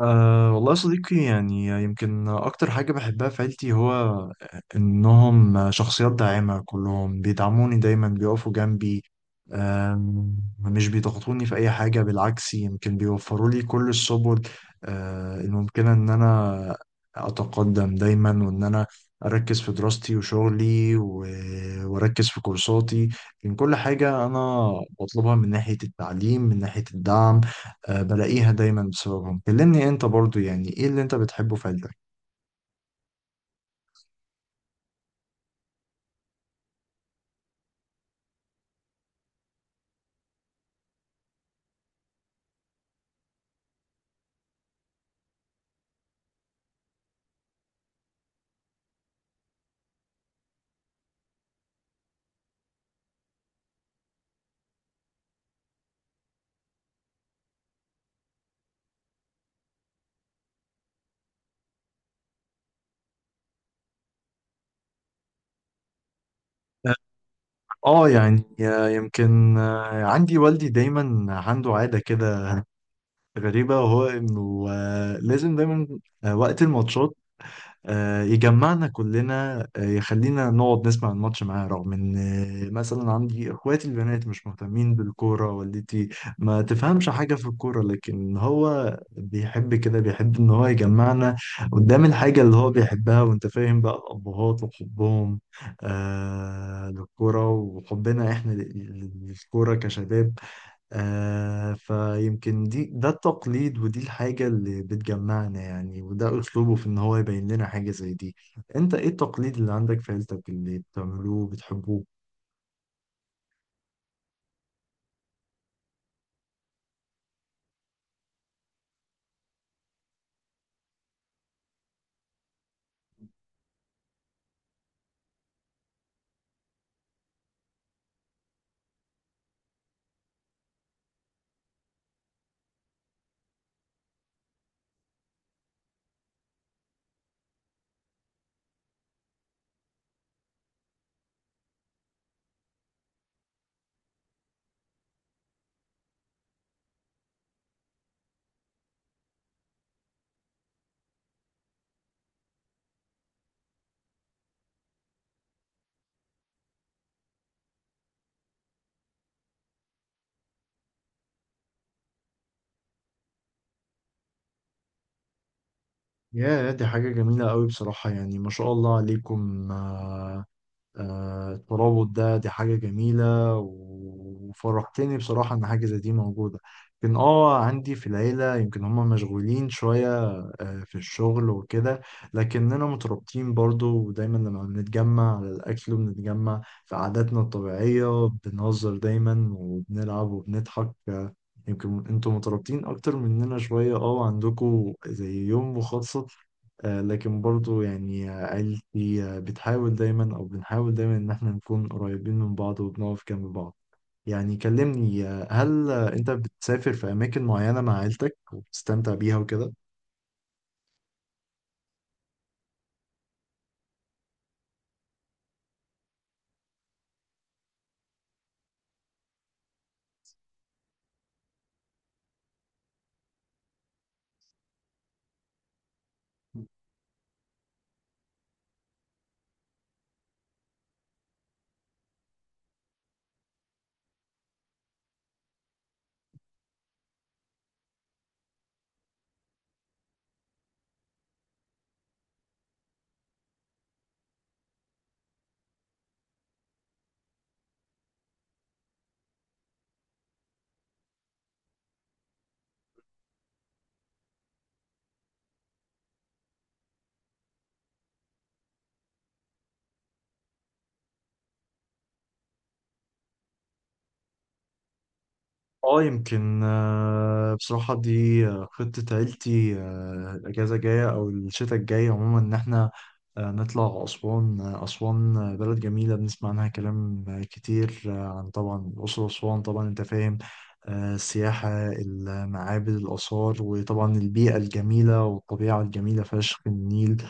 أه والله يا صديقي، يعني يمكن أكتر حاجة بحبها في عيلتي هو إنهم شخصيات داعمة. كلهم بيدعموني دايما، بيقفوا جنبي. مش بيضغطوني في أي حاجة، بالعكس يمكن بيوفروا لي كل السبل الممكنة إن أنا أتقدم دايما، وإن أنا أركز في دراستي وشغلي وأركز في كورساتي من كل حاجة أنا بطلبها، من ناحية التعليم، من ناحية الدعم. بلاقيها دايما بسببهم. كلمني انت برضو، يعني ايه اللي انت بتحبه في عيلتك؟ اه يعني يمكن عندي والدي دايما عنده عادة كده غريبة، وهو انه لازم دايما وقت الماتشات يجمعنا كلنا، يخلينا نقعد نسمع الماتش معاه، رغم ان مثلا عندي اخواتي البنات مش مهتمين بالكورة، والدتي ما تفهمش حاجة في الكورة، لكن هو بيحب كده، بيحب ان هو يجمعنا قدام الحاجة اللي هو بيحبها. وانت فاهم بقى الابهات وحبهم آه للكورة، وحبنا احنا للكورة كشباب. آه، فيمكن ده التقليد، ودي الحاجة اللي بتجمعنا يعني، وده أسلوبه في إن هو يبين لنا حاجة زي دي. أنت إيه التقليد اللي عندك في عيلتك اللي بتعملوه وبتحبوه؟ يا دي حاجة جميلة قوي بصراحة، يعني ما شاء الله عليكم. الترابط ده دي حاجة جميلة وفرحتني بصراحة إن حاجة زي دي موجودة. لكن عندي في العيلة يمكن هما مشغولين شوية في الشغل وكده، لكننا مترابطين برضو. ودايما لما بنتجمع على الأكل، وبنتجمع في عاداتنا الطبيعية، بنهزر دايما وبنلعب وبنضحك. آه، يمكن انتوا مترابطين أكتر مننا شوية. اه عندكوا زي يوم مخصص. لكن برضو يعني عيلتي بتحاول دايما، أو بنحاول دايما إن احنا نكون قريبين من بعض وبنقف جنب بعض. يعني كلمني، هل أنت بتسافر في أماكن معينة مع عيلتك وبتستمتع بيها وكده؟ اه يمكن بصراحة دي خطة عيلتي الأجازة الجاية أو الشتاء الجاي عموما، إن إحنا نطلع أسوان. أسوان بلد جميلة بنسمع عنها كلام كتير، عن طبعا أسوان. طبعا أنت فاهم السياحة، المعابد، الآثار، وطبعا البيئة الجميلة والطبيعة الجميلة فشخ النيل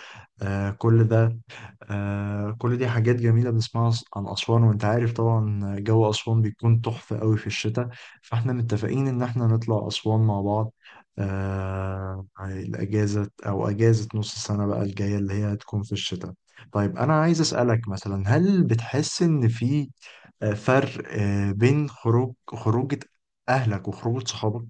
كل ده. آه كل دي حاجات جميلة بنسمعها عن أسوان. وأنت عارف طبعا جو أسوان بيكون تحفة قوي في الشتاء. فاحنا متفقين ان احنا نطلع اسوان مع بعض الاجازه او اجازه نص السنه بقى الجايه اللي هي هتكون في الشتاء. طيب انا عايز اسالك مثلا، هل بتحس ان في فرق بين خروجه اهلك وخروجه صحابك؟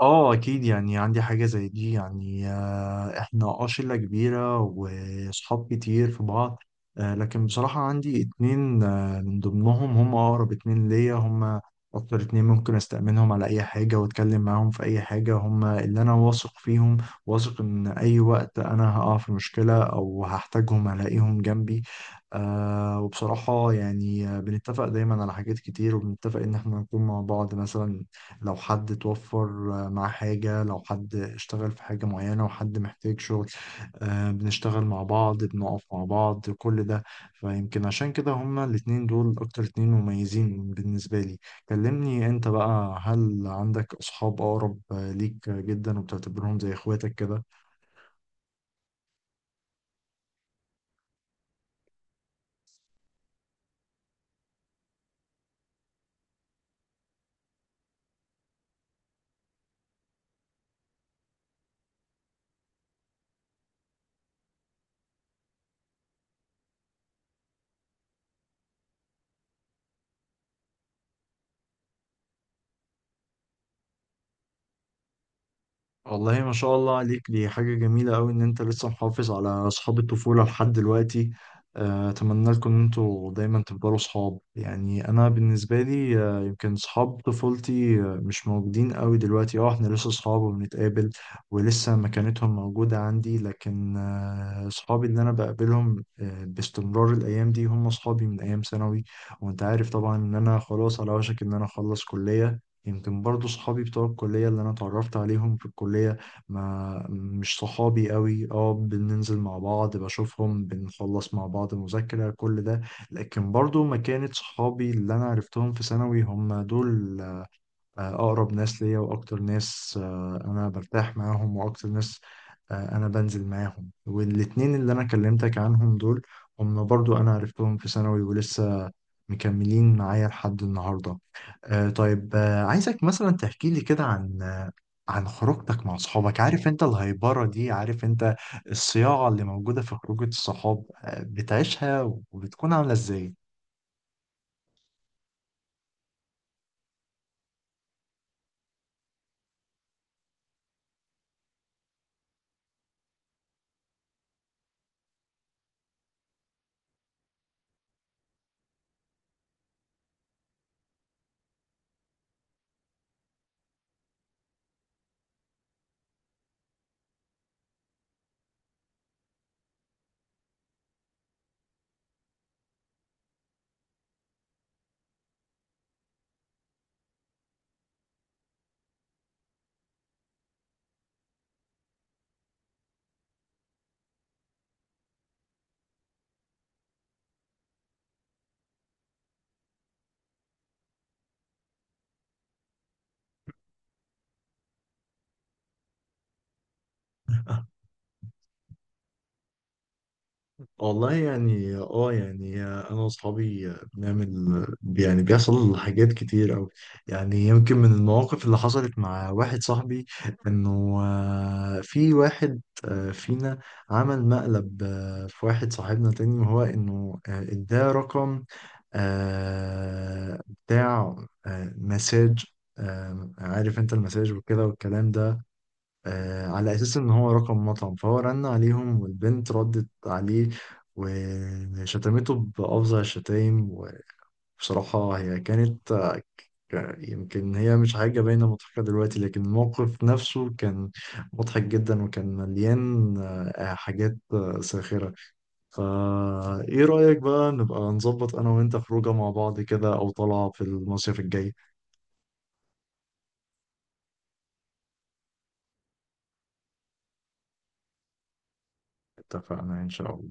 اه اكيد، يعني عندي حاجة زي دي يعني احنا اه شلة كبيرة وصحاب كتير في بعض. لكن بصراحة عندي اتنين من ضمنهم، هم اقرب اتنين ليا، هم اكتر اتنين ممكن استأمنهم على اي حاجة واتكلم معاهم في اي حاجة. هم اللي انا واثق فيهم، واثق ان اي وقت انا هقع في مشكلة او هحتاجهم هلاقيهم جنبي. وبصراحة يعني بنتفق دايما على حاجات كتير، وبنتفق ان احنا نكون مع بعض. مثلا لو حد توفر مع حاجة، لو حد اشتغل في حاجة معينة وحد محتاج شغل بنشتغل مع بعض، بنقف مع بعض، كل ده. فيمكن عشان كده هما الاتنين دول أكتر اتنين مميزين بالنسبة لي. كلمني أنت بقى، هل عندك أصحاب أقرب ليك جدا وبتعتبرهم زي إخواتك كده؟ والله ما شاء الله عليك، دي حاجة جميلة أوي إن أنت لسه محافظ على أصحاب الطفولة لحد دلوقتي. أتمنى لكم إن أنتوا دايما تفضلوا صحاب. يعني أنا بالنسبة لي يمكن صحاب طفولتي مش موجودين أوي دلوقتي. إحنا لسه صحاب وبنتقابل، ولسه مكانتهم موجودة عندي. لكن صحابي اللي أنا بقابلهم باستمرار الأيام دي هم صحابي من أيام ثانوي. وأنت عارف طبعا إن أنا خلاص على وشك إن أنا أخلص كلية. يمكن برضو صحابي بتوع الكلية اللي أنا اتعرفت عليهم في الكلية، ما مش صحابي قوي. اه بننزل مع بعض، بشوفهم، بنخلص مع بعض مذاكرة، كل ده. لكن برضو ما كانت صحابي اللي أنا عرفتهم في ثانوي هم دول أقرب ناس ليا، وأكتر ناس أنا برتاح معاهم، وأكتر ناس أنا بنزل معاهم. والاتنين اللي أنا كلمتك عنهم دول هم برضو أنا عرفتهم في ثانوي، ولسه مكملين معايا لحد النهاردة. طيب عايزك مثلا تحكي لي كده عن عن خروجتك مع صحابك. عارف انت الهيبرة دي، عارف انت الصياعة اللي موجودة في خروجة الصحاب، بتعيشها وبتكون عاملة ازاي؟ والله يعني يعني انا واصحابي بنعمل، يعني بيحصل حاجات كتير اوي. يعني يمكن من المواقف اللي حصلت مع واحد صاحبي، انه في واحد فينا عمل مقلب في واحد صاحبنا تاني، وهو انه اداه رقم بتاع مساج. عارف انت المساج وكده والكلام ده على أساس إن هو رقم مطعم، فهو رن عليهم والبنت ردت عليه وشتمته بأفظع الشتايم. وبصراحة هي كانت يمكن هي مش حاجة باينة مضحكة دلوقتي، لكن الموقف نفسه كان مضحك جدا وكان مليان حاجات ساخرة. فا إيه رأيك بقى نبقى نظبط أنا وأنت خروجة مع بعض كده، أو طلعة في المصيف الجاي؟ اتفقنا إن شاء الله.